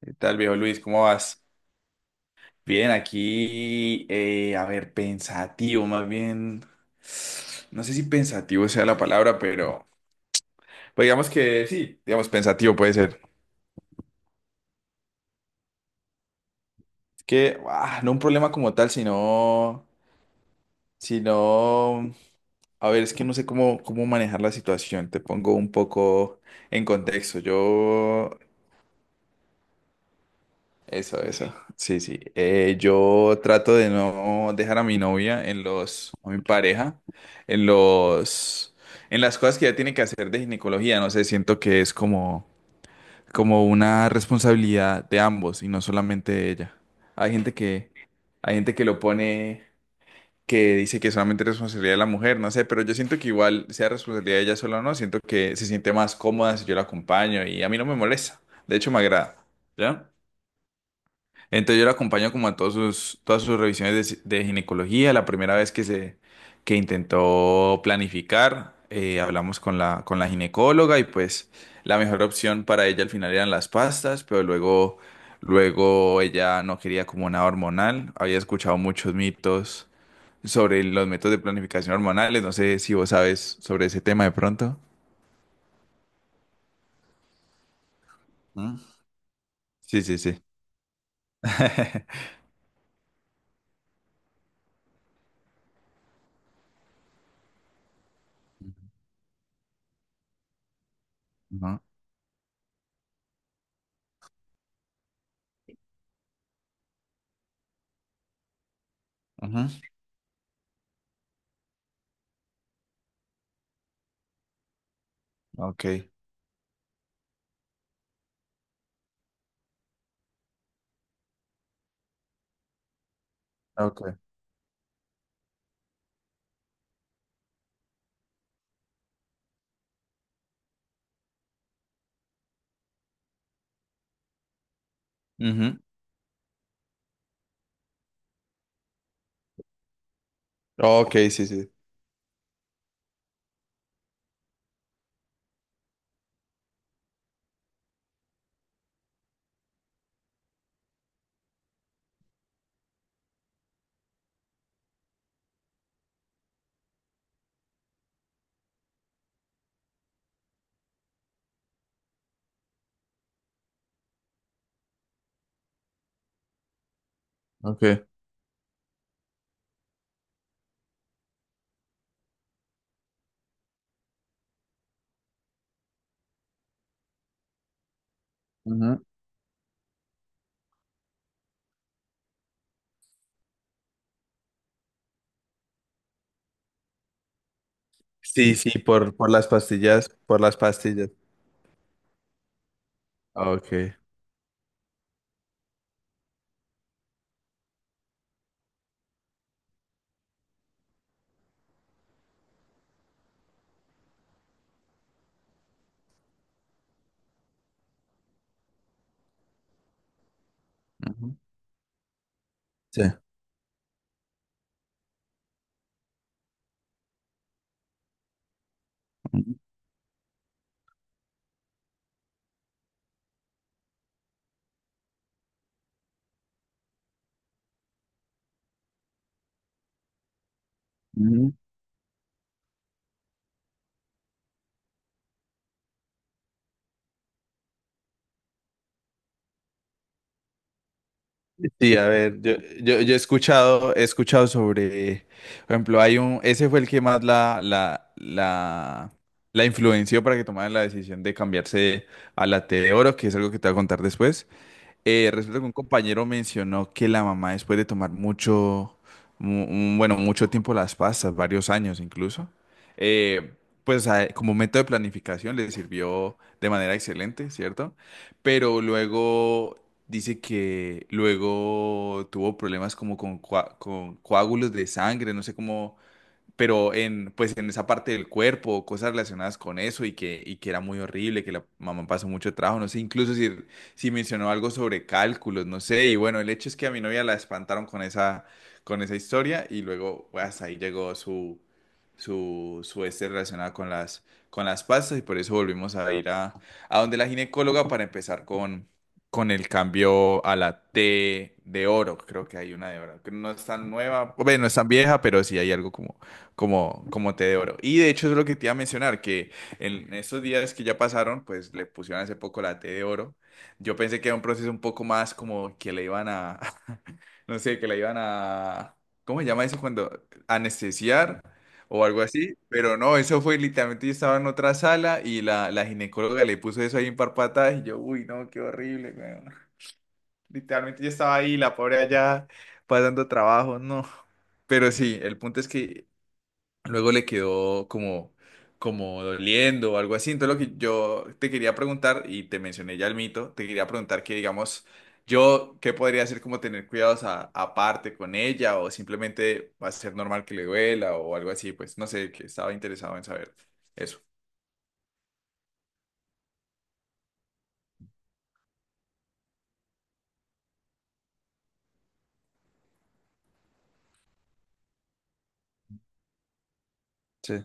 ¿Qué tal, viejo Luis? ¿Cómo vas? Bien, aquí, a ver, pensativo, más bien, no sé si pensativo sea la palabra, pero pues digamos que sí, digamos pensativo puede ser. Es que, no un problema como tal, sino, sino, a ver, es que no sé cómo manejar la situación, te pongo un poco en contexto. Yo eso, eso. Sí, sí. Yo trato de no dejar a mi novia en a mi pareja, en los, en las cosas que ella tiene que hacer de ginecología. No sé, siento que es como una responsabilidad de ambos y no solamente de ella. Hay gente que, hay gente que lo pone, que dice que solamente es responsabilidad de la mujer, no sé, pero yo siento que igual sea responsabilidad de ella sola o no, siento que se siente más cómoda si yo la acompaño y a mí no me molesta. De hecho, me agrada. ¿Ya? Entonces yo la acompaño como a todas sus revisiones de ginecología. La primera vez que se que intentó planificar, hablamos con con la ginecóloga y pues la mejor opción para ella al final eran las pastas, pero luego ella no quería como nada hormonal. Había escuchado muchos mitos sobre los métodos de planificación hormonales. No sé si vos sabes sobre ese tema de pronto. ¿Mm? Sí, sí, sí. Ujú, ujú. Ok, ok. Ujú. Ok, sí, sí. Ok. Ujú. Sí, sí, por las pastillas, por las pastillas. Ah, ok. Ujú. Sí. Ujú. Ujú. Sí, a ver, yo he he escuchado sobre, por ejemplo, hay un, ese fue el que más la influenció para que tomara la decisión de cambiarse a la T de oro, que es algo que te voy a contar después. Resulta que un compañero mencionó que la mamá, después de tomar bueno, mucho tiempo las pastas, varios años incluso, eh, pues a- como método de planificación le sirvió de manera excelente, ¿cierto? Pero luego dice que luego tuvo problemas como con coágulos de sangre, no sé cómo, pero en, pues en esa parte del cuerpo, cosas relacionadas con eso y y que era muy horrible, que la mamá pasó mucho trabajo, no sé, incluso si mencionó algo sobre cálculos, no sé, y bueno, el hecho es que a mi novia la espantaron con con esa historia y luego pues, hasta ahí llegó su este relacionado con con las pastas y por eso volvimos a ir a donde la ginecóloga para empezar con el cambio a la T de oro, creo que hay una de oro, que no es tan nueva, bueno, no es tan vieja, pero sí hay algo como té de oro. Y de hecho, eso es lo que te iba a mencionar, que en estos días que ya pasaron, pues le pusieron hace poco la té de oro. Yo pensé que era un proceso un poco más como que le iban a, no sé, que le iban a, ¿cómo se llama eso cuando? Anestesiar o algo así. Pero no, eso fue literalmente, yo estaba en otra sala y la ginecóloga le puso eso ahí en patadas y yo, uy, no, qué horrible, weón". Literalmente yo estaba ahí, la pobre allá, pasando trabajo, no. Pero sí, el punto es que luego le quedó como, como doliendo o algo así. Entonces lo que yo te quería preguntar, y te mencioné ya el mito, te quería preguntar que digamos, yo, ¿qué podría hacer como tener cuidados a- aparte con ella o simplemente va a ser normal que le duela o algo así? Pues no sé, que estaba interesado en saber eso. Sí,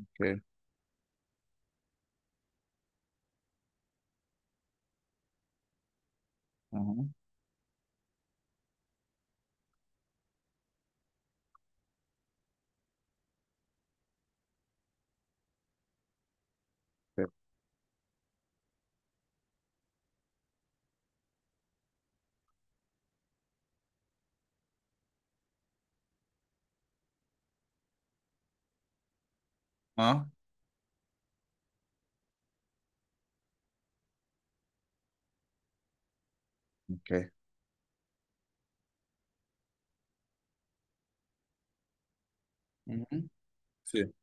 ok. Ujú, ok, ¿ah? Ok, ujú. Sí.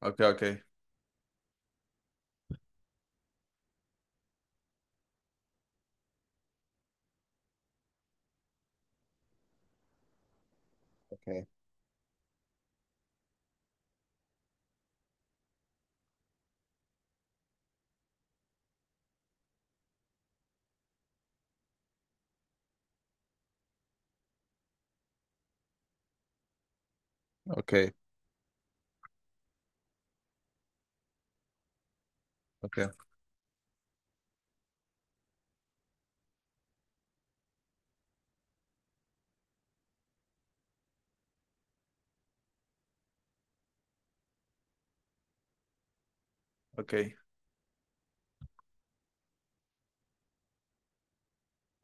Ok, ok, ok, ok, ok, ok.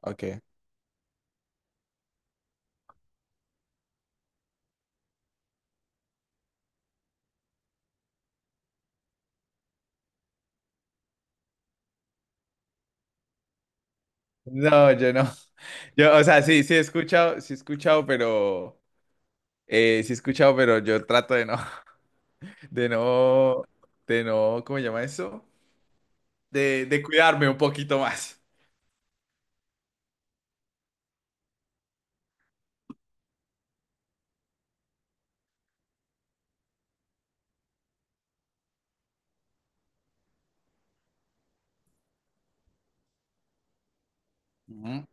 Ok. No, yo no. Yo, o sea, sí, sí he escuchado, pero... sí he escuchado, pero yo trato de no, de no, de no, ¿cómo se llama eso? De cuidarme un poquito más. Ujú.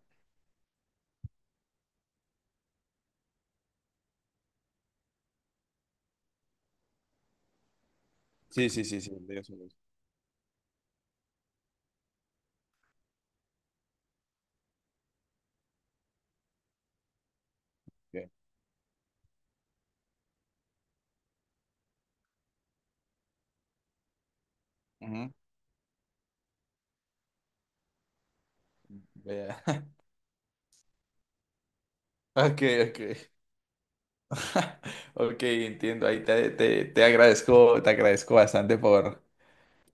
Sí, sí, sí, sí. De eso. Bien. Ujú. Vea. Ok, ok. Ok, entiendo. Ahí te agradezco bastante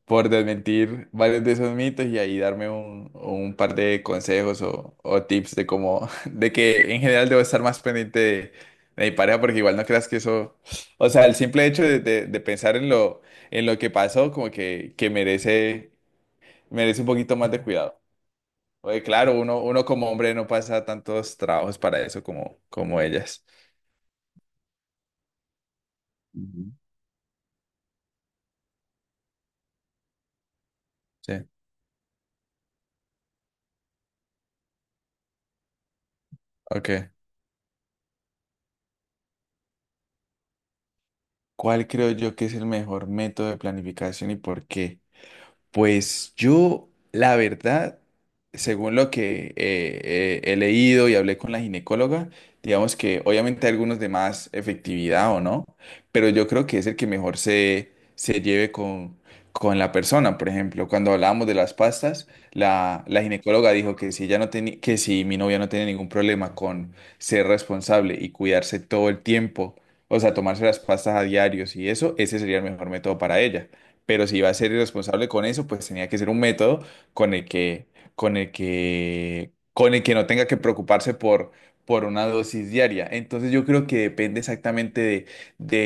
por desmentir varios de esos mitos y ahí darme un par de consejos o tips de cómo, de que en general debo estar más pendiente de mi pareja, porque igual no creas que eso, o sea, el simple hecho de pensar en lo que pasó, como que merece, merece un poquito más de cuidado. Oye, claro, uno como hombre no pasa tantos trabajos para eso como, como ellas. Ujú. Sí, ok. ¿Cuál creo yo que es el mejor método de planificación y por qué? Pues yo, la verdad, según lo que he leído y hablé con la ginecóloga, digamos que obviamente hay algunos de más efectividad o no, pero yo creo que es el que mejor se lleve con la persona. Por ejemplo, cuando hablábamos de las pastas, la ginecóloga dijo que si ella no tenía, que si mi novia no tiene ningún problema con ser responsable y cuidarse todo el tiempo, o sea, tomarse las pastas a diarios y eso, ese sería el mejor método para ella. Pero si iba a ser irresponsable con eso, pues tenía que ser un método con el que, con el que no tenga que preocuparse por una dosis diaria. Entonces yo creo que depende exactamente de,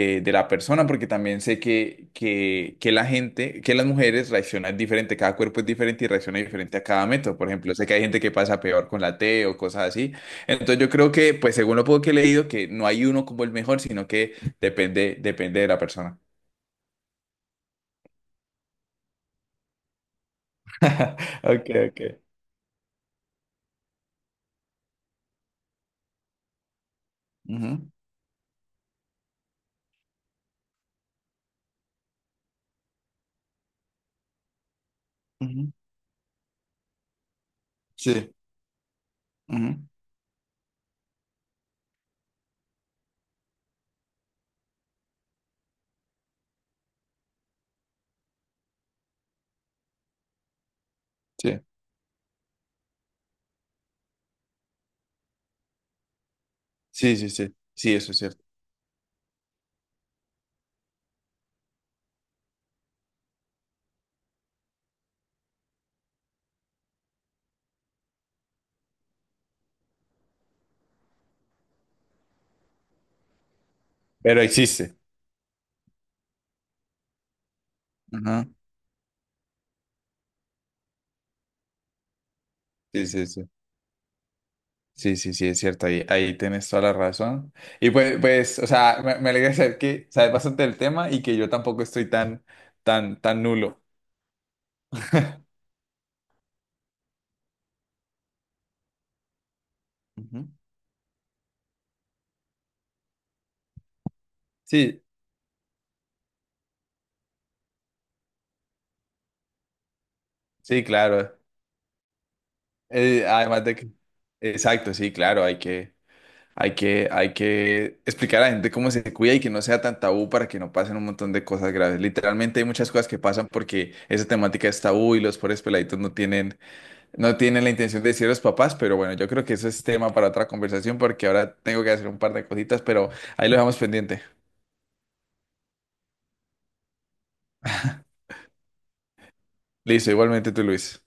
de, de la persona, porque también sé que la gente, que las mujeres reaccionan diferente, cada cuerpo es diferente y reacciona diferente a cada método. Por ejemplo, sé que hay gente que pasa peor con la T o cosas así. Entonces yo creo que, pues según lo poco que he leído, que no hay uno como el mejor, sino que depende, depende de la persona. Ok, ok. Ujú, ujú. Sí, ujú, sí, sí, sí, sí, sí, eso es cierto. Pero existe. Ajá. Sí, sí, sí. Sí, sí, sí, es cierto, ahí, ahí tienes toda la razón. Y pues, pues, o sea, me alegra saber que sabes bastante del tema y que yo tampoco estoy tan, tan, tan nulo. Ujú. Sí, sí, claro. Además de que, exacto, sí, claro, hay que... Hay que, hay que explicar a la gente cómo se cuida y que no sea tan tabú para que no pasen un montón de cosas graves. Literalmente hay muchas cosas que pasan porque esa temática es tabú y los pobres peladitos no tienen, no tienen la intención de decir a los papás, pero bueno, yo creo que eso es tema para otra conversación porque ahora tengo que hacer un par de cositas, pero ahí lo dejamos pendiente. Listo, igualmente tú, Luis.